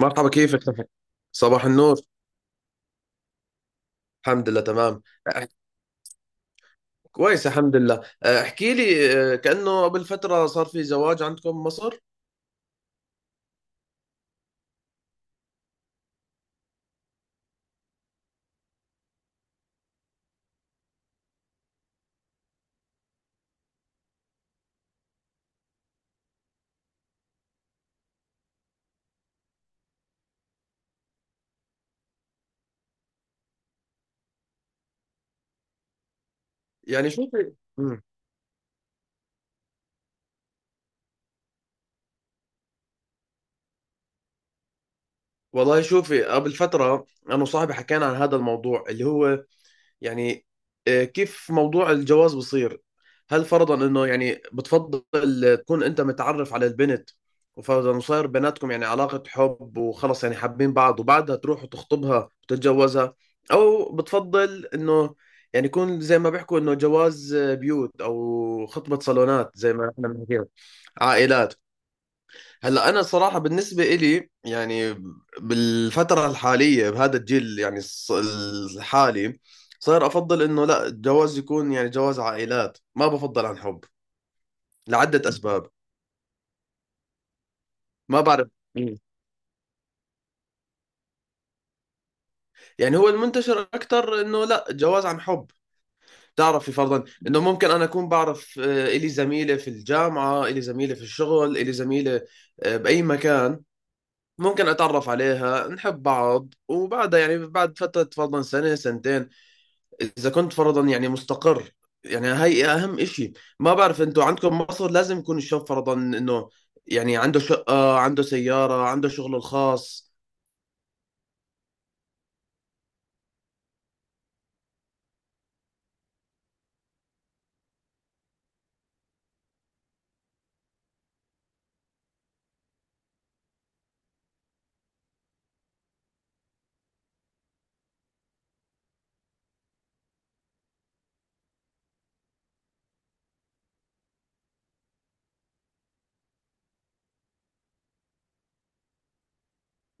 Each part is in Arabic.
مرحبا، كيفك؟ صباح النور. الحمد لله، تمام. أح- كويس، الحمد لله. احكي لي، كأنه قبل فترة صار في زواج عندكم بمصر. يعني شوفي. مم. والله شوفي، قبل فترة أنا وصاحبي حكينا عن هذا الموضوع اللي هو، يعني، كيف موضوع الجواز بصير. هل فرضا انه يعني بتفضل تكون انت متعرف على البنت، وفرضا وصار بيناتكم يعني علاقة حب وخلص، يعني حابين بعض، وبعدها تروح وتخطبها وتتجوزها، او بتفضل انه يعني يكون زي ما بيحكوا انه جواز بيوت او خطبة صالونات زي ما احنا بنحكيها عائلات؟ هلا انا صراحه، بالنسبه إلي يعني، بالفتره الحاليه بهذا الجيل يعني الحالي، صار افضل انه لا، الجواز يكون يعني جواز عائلات، ما بفضل عن حب، لعده اسباب. ما بعرف. مم. يعني هو المنتشر اكثر انه لا، جواز عن حب. تعرفي فرضا انه ممكن انا اكون بعرف، الي زميله في الجامعه، الي زميله في الشغل، الي زميله باي مكان، ممكن اتعرف عليها، نحب بعض، وبعدها يعني بعد فتره فرضا سنه سنتين. اذا كنت فرضا يعني مستقر، يعني هاي اهم اشي. ما بعرف انتوا عندكم مصر لازم يكون الشاب فرضا انه يعني عنده شقة، عنده سيارة، عنده شغله الخاص.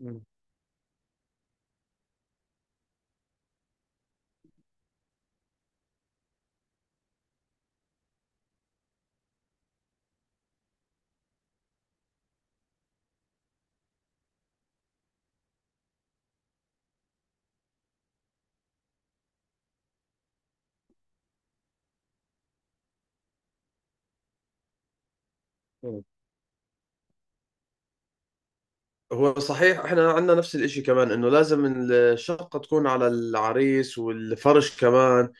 مم. مم. هو صحيح، احنا عندنا نفس الاشي كمان، انه لازم الشقة تكون على العريس والفرش كمان.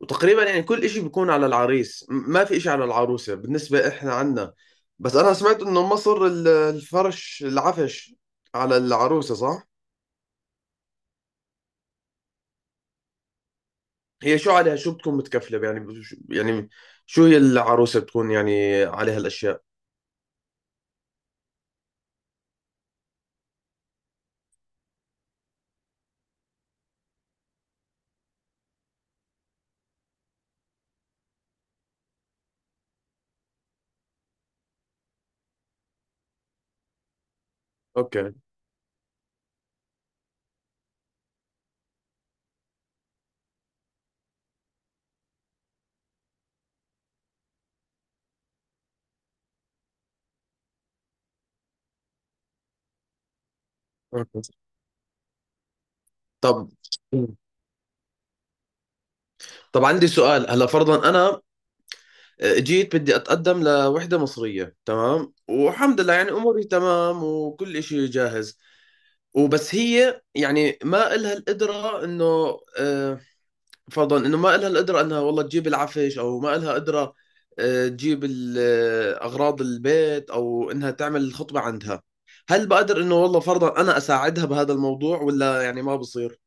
وتقريبا يعني كل اشي بيكون على العريس، ما في اشي على العروسة بالنسبة احنا عندنا. بس انا سمعت انه مصر الفرش العفش على العروسة، صح؟ هي شو عليها، شو بتكون متكفلة يعني، يعني شو هي العروسة بتكون يعني عليها الأشياء؟ أوكي. أوكي. طب طب، عندي سؤال. هلا فرضا أنا جيت بدي أتقدم لوحدة مصرية، تمام، والحمد لله يعني أموري تمام وكل إشي جاهز. وبس هي يعني ما إلها القدرة، إنه آه، فرضا انه ما لها القدره انها والله تجيب العفش، او ما لها قدره تجيب اغراض البيت، او انها تعمل الخطبه عندها. هل بقدر انه والله فرضا انا اساعدها بهذا الموضوع، ولا يعني ما بصير؟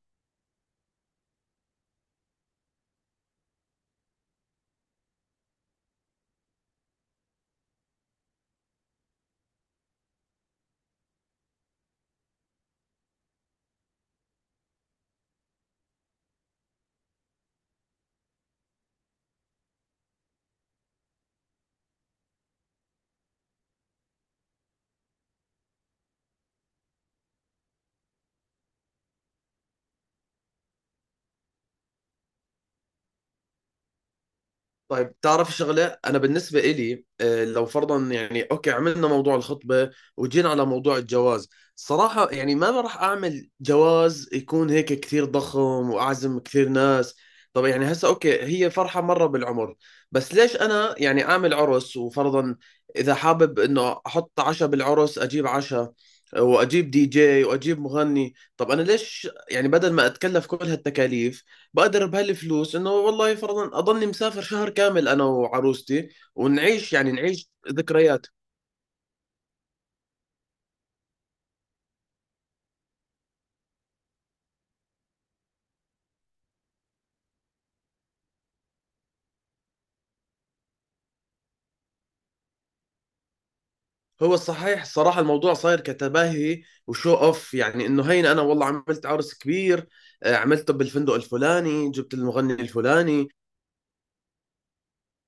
طيب، تعرف شغلة أنا بالنسبة إلي، لو فرضا يعني أوكي عملنا موضوع الخطبة وجينا على موضوع الجواز. صراحة يعني ما راح أعمل جواز يكون هيك كثير ضخم وأعزم كثير ناس. طب يعني هسا أوكي، هي فرحة مرة بالعمر. بس ليش أنا يعني أعمل عرس؟ وفرضا إذا حابب إنه أحط عشاء بالعرس، أجيب عشاء، وأجيب دي جي، وأجيب مغني. طب أنا ليش يعني بدل ما أتكلف كل هالتكاليف، بقدر بهالفلوس انه والله فرضا اضلني مسافر شهر كامل انا وعروستي، ونعيش، يعني نعيش ذكريات. هو الصحيح صراحة الموضوع صاير كتباهي وشو اوف، يعني انه هين، انا والله عملت عرس كبير، عملته بالفندق الفلاني، جبت المغني الفلاني.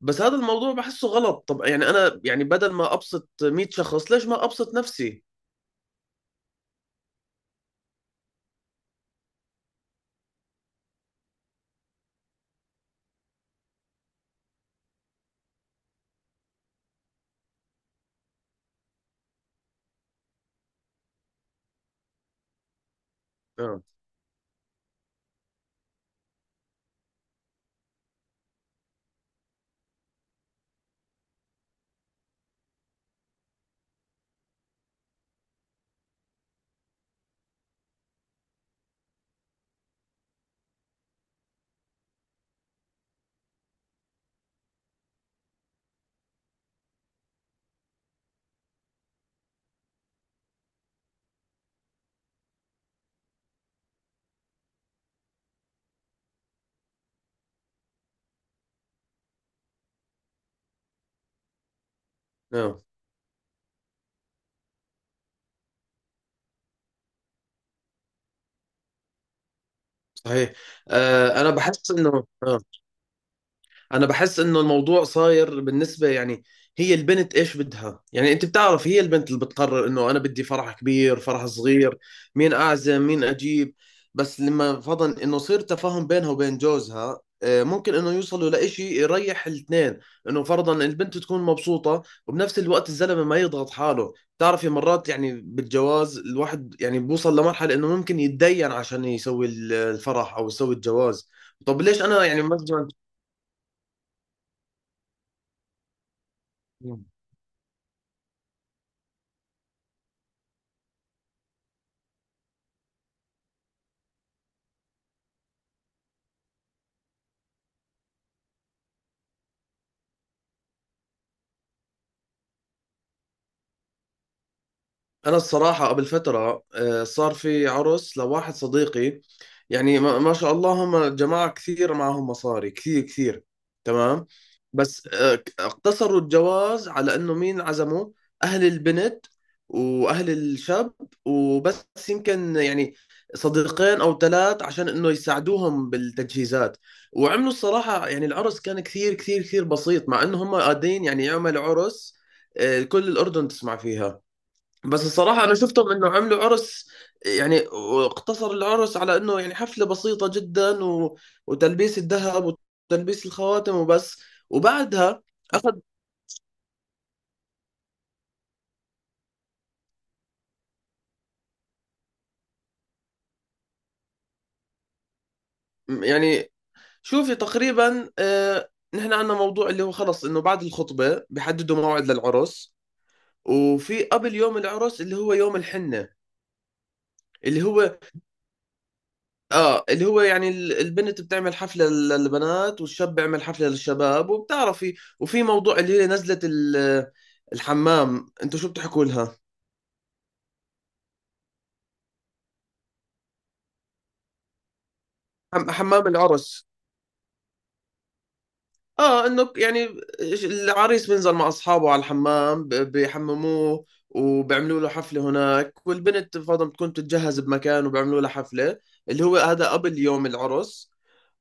بس هذا الموضوع بحسه غلط. طب يعني انا يعني بدل ما ابسط 100 شخص، ليش ما ابسط نفسي؟ اه، اه، صحيح. آه انا بحس انه آه. انا بحس انه الموضوع صاير بالنسبه يعني، هي البنت ايش بدها، يعني انت بتعرف، هي البنت اللي بتقرر انه انا بدي فرح كبير، فرح صغير، مين اعزم، مين اجيب. بس لما فضل انه صير تفاهم بينها وبين جوزها، ممكن انه يوصلوا لإشي يريح الاثنين، انه فرضا البنت تكون مبسوطة وبنفس الوقت الزلمة ما يضغط حاله. بتعرفي مرات يعني بالجواز الواحد يعني بوصل لمرحلة انه ممكن يتدين عشان يسوي الفرح او يسوي الجواز. طب ليش انا يعني مثلا. انا الصراحه قبل فتره صار في عرس لواحد صديقي، يعني ما ما شاء الله، هم جماعه كثير، معهم مصاري كثير كثير. تمام. بس اقتصروا الجواز على انه مين عزموا، اهل البنت واهل الشاب وبس، يمكن يعني صديقين او ثلاث عشان انه يساعدوهم بالتجهيزات. وعملوا الصراحه يعني العرس كان كثير كثير كثير بسيط، مع انه هم قادرين يعني يعملوا عرس كل الاردن تسمع فيها. بس الصراحة أنا شفتهم إنه عملوا عرس، يعني واقتصر العرس على إنه يعني حفلة بسيطة جدا، و... وتلبيس الذهب، وتلبيس الخواتم وبس. وبعدها أخذ. يعني شوفي، تقريبا نحن عندنا موضوع اللي هو، خلص، إنه بعد الخطبة بيحددوا موعد للعرس. وفي قبل يوم العرس اللي هو يوم الحنة، اللي هو اه اللي هو يعني البنت بتعمل حفلة للبنات، والشاب بيعمل حفلة للشباب، وبتعرفي. وفي موضوع اللي هي نزلة الحمام، انتوا شو بتحكوا لها؟ حمام العرس. اه، انه يعني العريس بينزل مع اصحابه على الحمام، بيحمموه وبيعملوا له حفله هناك، والبنت فاضل بتكون بتتجهز بمكان وبيعملوا لها حفله. اللي هو هذا قبل يوم العرس.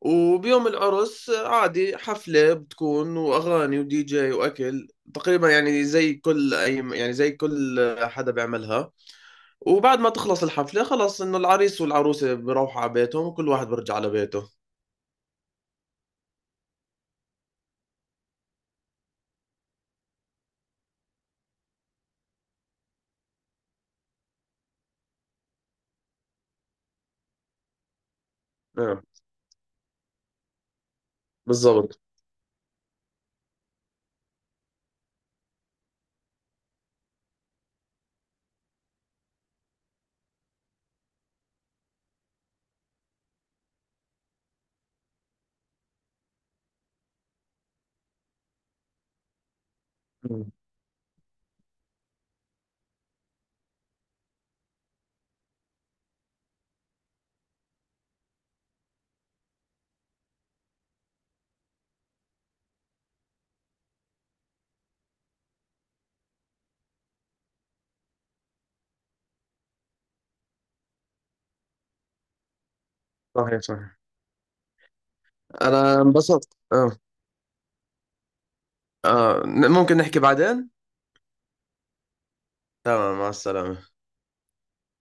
وبيوم العرس عادي حفله بتكون، واغاني، ودي جي، واكل. تقريبا يعني زي كل حدا بيعملها. وبعد ما تخلص الحفله خلاص، انه العريس والعروسه بيروحوا على بيتهم، وكل واحد بيرجع على بيته. نعم. بالضبط. مم. صحيح، صحيح. انا انبسطت، اه. اه، ممكن نحكي بعدين. تمام، مع السلامة.